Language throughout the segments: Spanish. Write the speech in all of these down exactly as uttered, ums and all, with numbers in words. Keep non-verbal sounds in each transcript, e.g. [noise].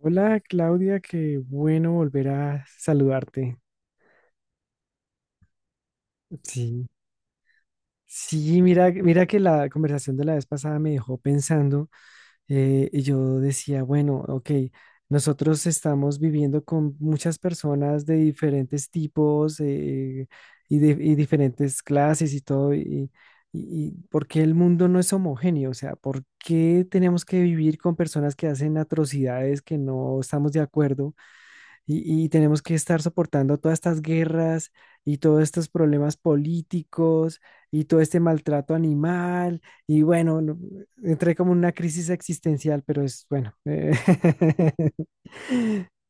Hola Claudia, qué bueno volver a saludarte. Sí, sí, mira, mira que la conversación de la vez pasada me dejó pensando eh, Y yo decía, bueno, ok, nosotros estamos viviendo con muchas personas de diferentes tipos eh, y, de, y diferentes clases y todo, y, y, y ¿por qué el mundo no es homogéneo? O sea, ¿por qué tenemos que vivir con personas que hacen atrocidades que no estamos de acuerdo? Y, y tenemos que estar soportando todas estas guerras y todos estos problemas políticos y todo este maltrato animal. Y bueno, no- entré como en una crisis existencial, pero es bueno. eh, [laughs]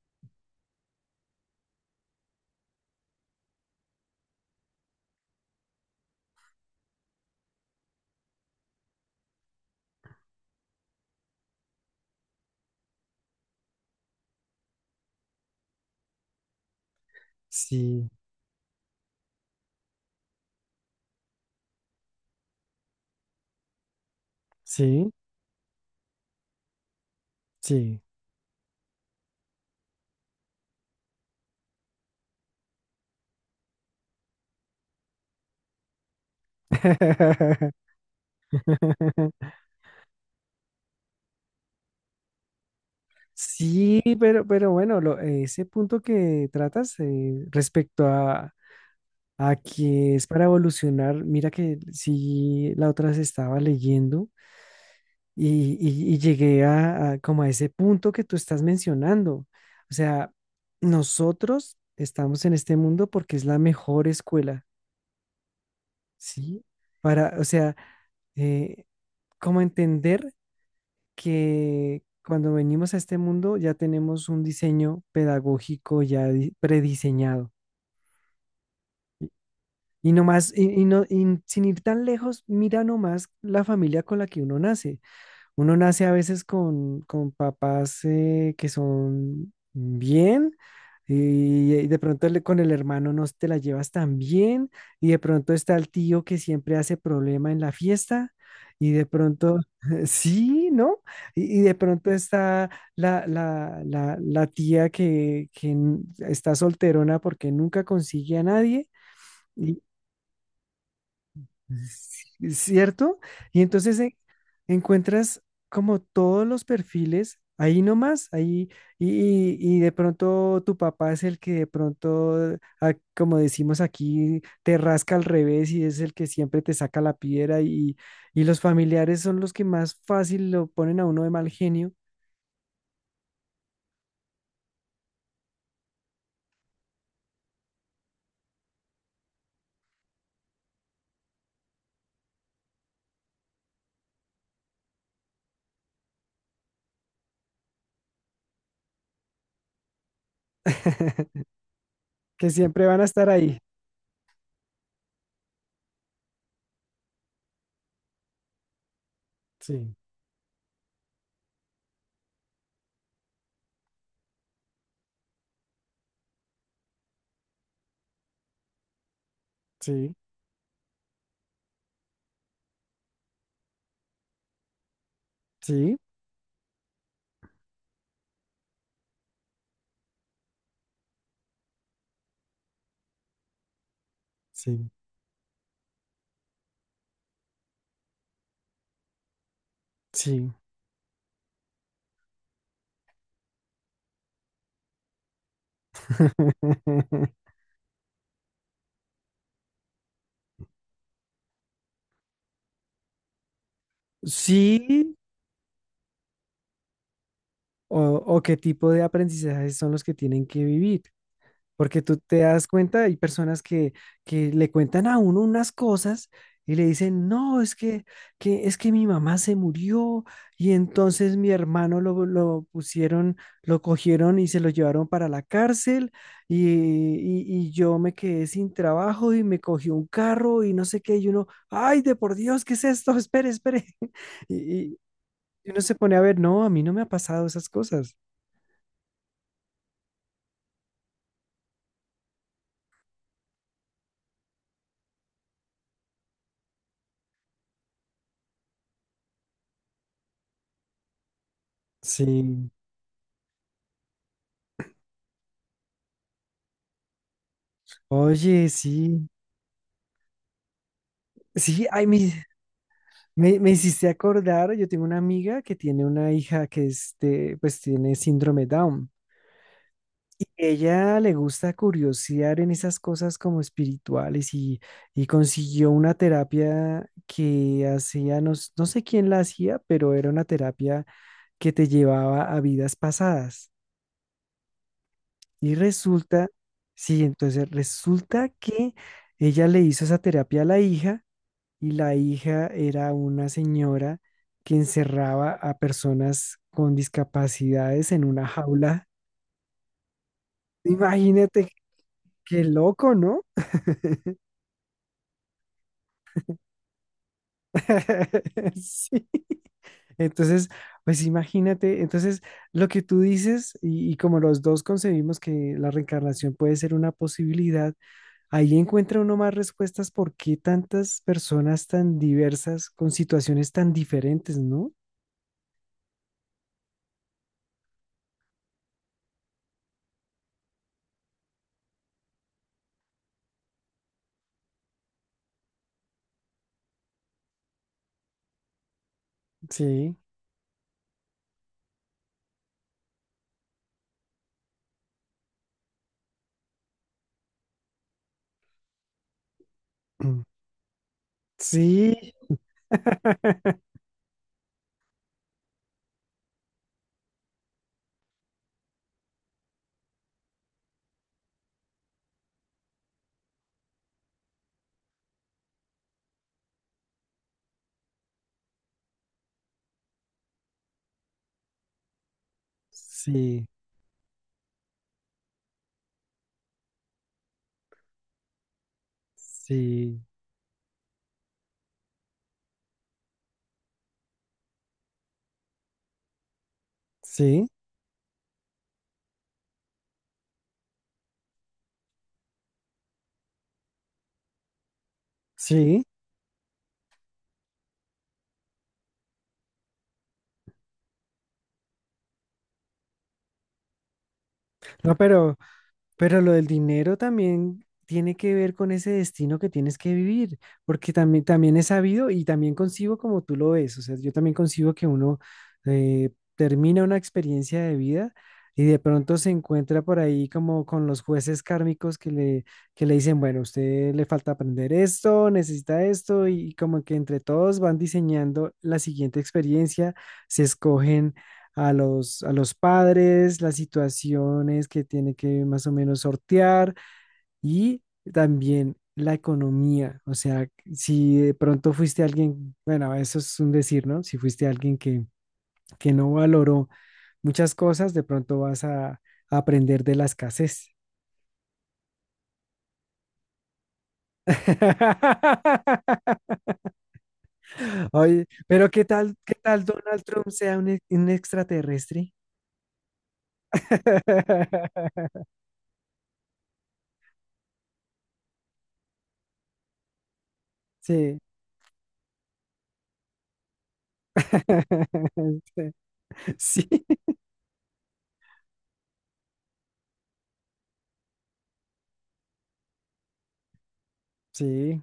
Sí, sí, sí. [laughs] Sí, pero, pero bueno, lo- ese punto que tratas eh, respecto a, a que es para evolucionar, mira que sí, la otra se estaba leyendo Y, y- y llegué a, a como a ese punto que tú estás mencionando. O sea, nosotros estamos en este mundo porque es la mejor escuela, ¿sí? Para, o sea, eh, como entender que cuando venimos a este mundo ya tenemos un diseño pedagógico ya di- prediseñado. ¿Sí? Y nomás, y, y no, y sin ir tan lejos, mira nomás la familia con la que uno nace. Uno nace a veces con, con papás eh, que son bien y, y de pronto le- con el hermano no te la llevas tan bien, y de pronto está el tío que siempre hace problema en la fiesta, y de pronto, [laughs] sí, ¿no? Y, y de pronto está la, la- la- la tía que, que n- está solterona porque nunca consigue a nadie, c- ¿cierto? Y entonces eh, encuentras como todos los perfiles ahí nomás, ahí, y, y- y de pronto tu papá es el que de pronto, ah, como decimos aquí, te rasca al revés y es el que siempre te saca la piedra y, y los familiares son los que más fácil lo ponen a uno de mal genio, [laughs] que siempre van a estar ahí. Sí, sí, sí, sí, sí. [laughs] Sí, o, o qué tipo de aprendizajes son los que tienen que vivir. Porque tú te das cuenta, hay personas que, que le cuentan a uno unas cosas y le dicen, no, es que, que, es que mi mamá se murió y entonces mi hermano lo, lo pusieron, lo cogieron y se lo llevaron para la cárcel y, y, y yo me quedé sin trabajo y me cogió un carro y no sé qué. Y uno, ay, de por Dios, ¿qué es esto? Espere, espere. [laughs] Y, y, y uno se pone a ver, no, a mí no me ha pasado esas cosas. Sí, oye, sí, sí, ay, me, me, me hiciste acordar, yo tengo una amiga que tiene una hija que este, pues tiene síndrome Down. Ella le gusta curiosear en esas cosas como espirituales y, y consiguió una terapia que hacía, no, s- no sé quién la hacía, pero era una terapia que te llevaba a vidas pasadas. Y resulta, sí, entonces resulta que ella le hizo esa terapia a la hija. Y la hija era una señora que encerraba a personas con discapacidades en una jaula. Imagínate qué loco, ¿no? [laughs] Sí. Entonces, pues imagínate, entonces lo que tú dices y, y como los dos concebimos que la reencarnación puede ser una posibilidad, ahí encuentra uno más respuestas por qué tantas personas tan diversas con situaciones tan diferentes, ¿no? Sí. Mm. Sí, [laughs] sí, sí, sí, sí. No, pero, Pero lo del dinero también tiene que ver con ese destino que tienes que vivir, porque también, también he sabido y también concibo como tú lo ves, o sea, yo también concibo que uno eh, termina una experiencia de vida y de pronto se encuentra por ahí como con los jueces kármicos que le, que le dicen, bueno, usted le falta aprender esto, necesita esto, y como que entre todos van diseñando la siguiente experiencia, se escogen a los, a los padres, las situaciones que tiene que más o menos sortear y también la economía. O sea, si de pronto fuiste alguien, bueno, eso es un decir, ¿no? Si fuiste alguien que, que no valoró muchas cosas, de pronto vas a, a aprender de la escasez. [laughs] Oye, pero ¿qué tal, qué tal Donald Trump sea un, ex- un extraterrestre? [laughs] Sí. [laughs] Sí, sí.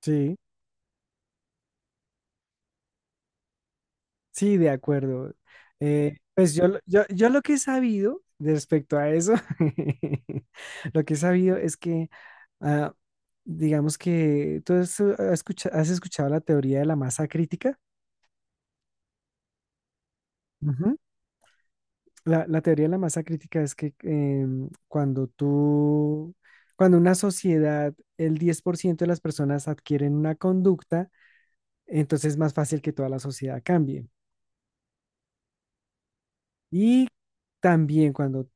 Sí, sí, de acuerdo. Eh, pues yo, lo- yo, yo lo que he sabido de respecto a eso, [laughs] lo que he sabido es que, ah, digamos que tú has, eh, escucha- has escuchado la teoría de la masa crítica. Ujú. La, la teoría de la masa crítica es que em, cuando tú, cuando una sociedad, el diez por ciento de las personas adquieren una conducta, entonces es más fácil que toda la sociedad cambie. Y también cuando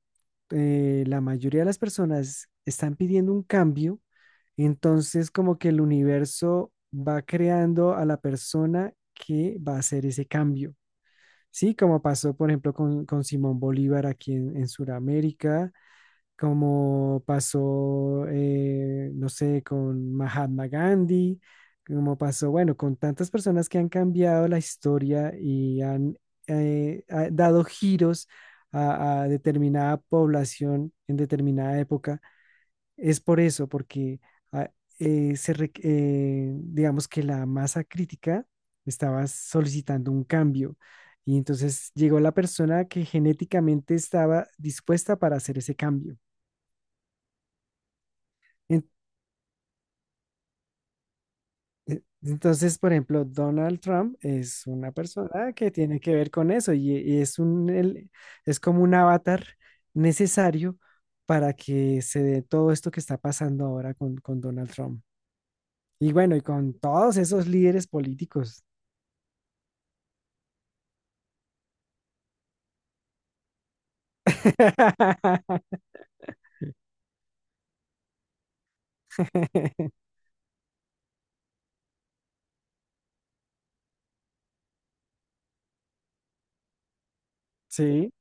eh, la mayoría de las personas están pidiendo un cambio, entonces como que el universo va creando a la persona que va a hacer ese cambio. Sí, como pasó, por ejemplo, con, con Simón Bolívar aquí en, en Sudamérica, como pasó, eh, no sé, con Mahatma Gandhi, como pasó, bueno, con tantas personas que han cambiado la historia y han eh, ha dado giros a, a determinada población en determinada época, es por eso, porque ah, eh, se re- eh, digamos que la masa crítica estaba solicitando un cambio. Y entonces llegó la persona que genéticamente estaba dispuesta para hacer ese cambio. E- Entonces, por ejemplo, Donald Trump es una persona que tiene que ver con eso y, y es un, el- es como un avatar necesario para que se dé todo esto que está pasando ahora con, con Donald Trump. Y bueno, y con todos esos líderes políticos. [laughs] Sí,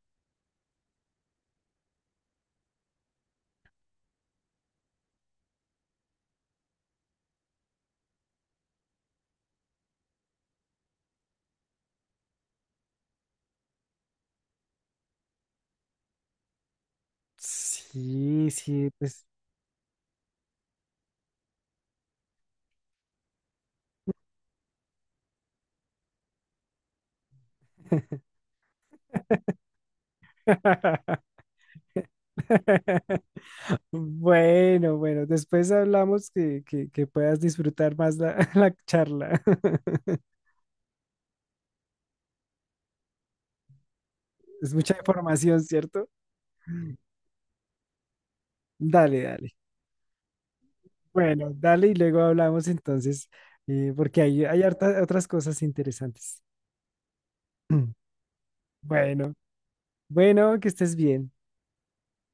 sí, sí, pues. [laughs] Bueno, bueno, después hablamos que, que, que puedas disfrutar más la, [laughs] la charla. [laughs] Es mucha información, ¿cierto? Dale, dale. Bueno, dale y luego hablamos entonces, eh, porque hay, hay harta- otras cosas interesantes. [clears throat] Bueno, bueno, que estés bien.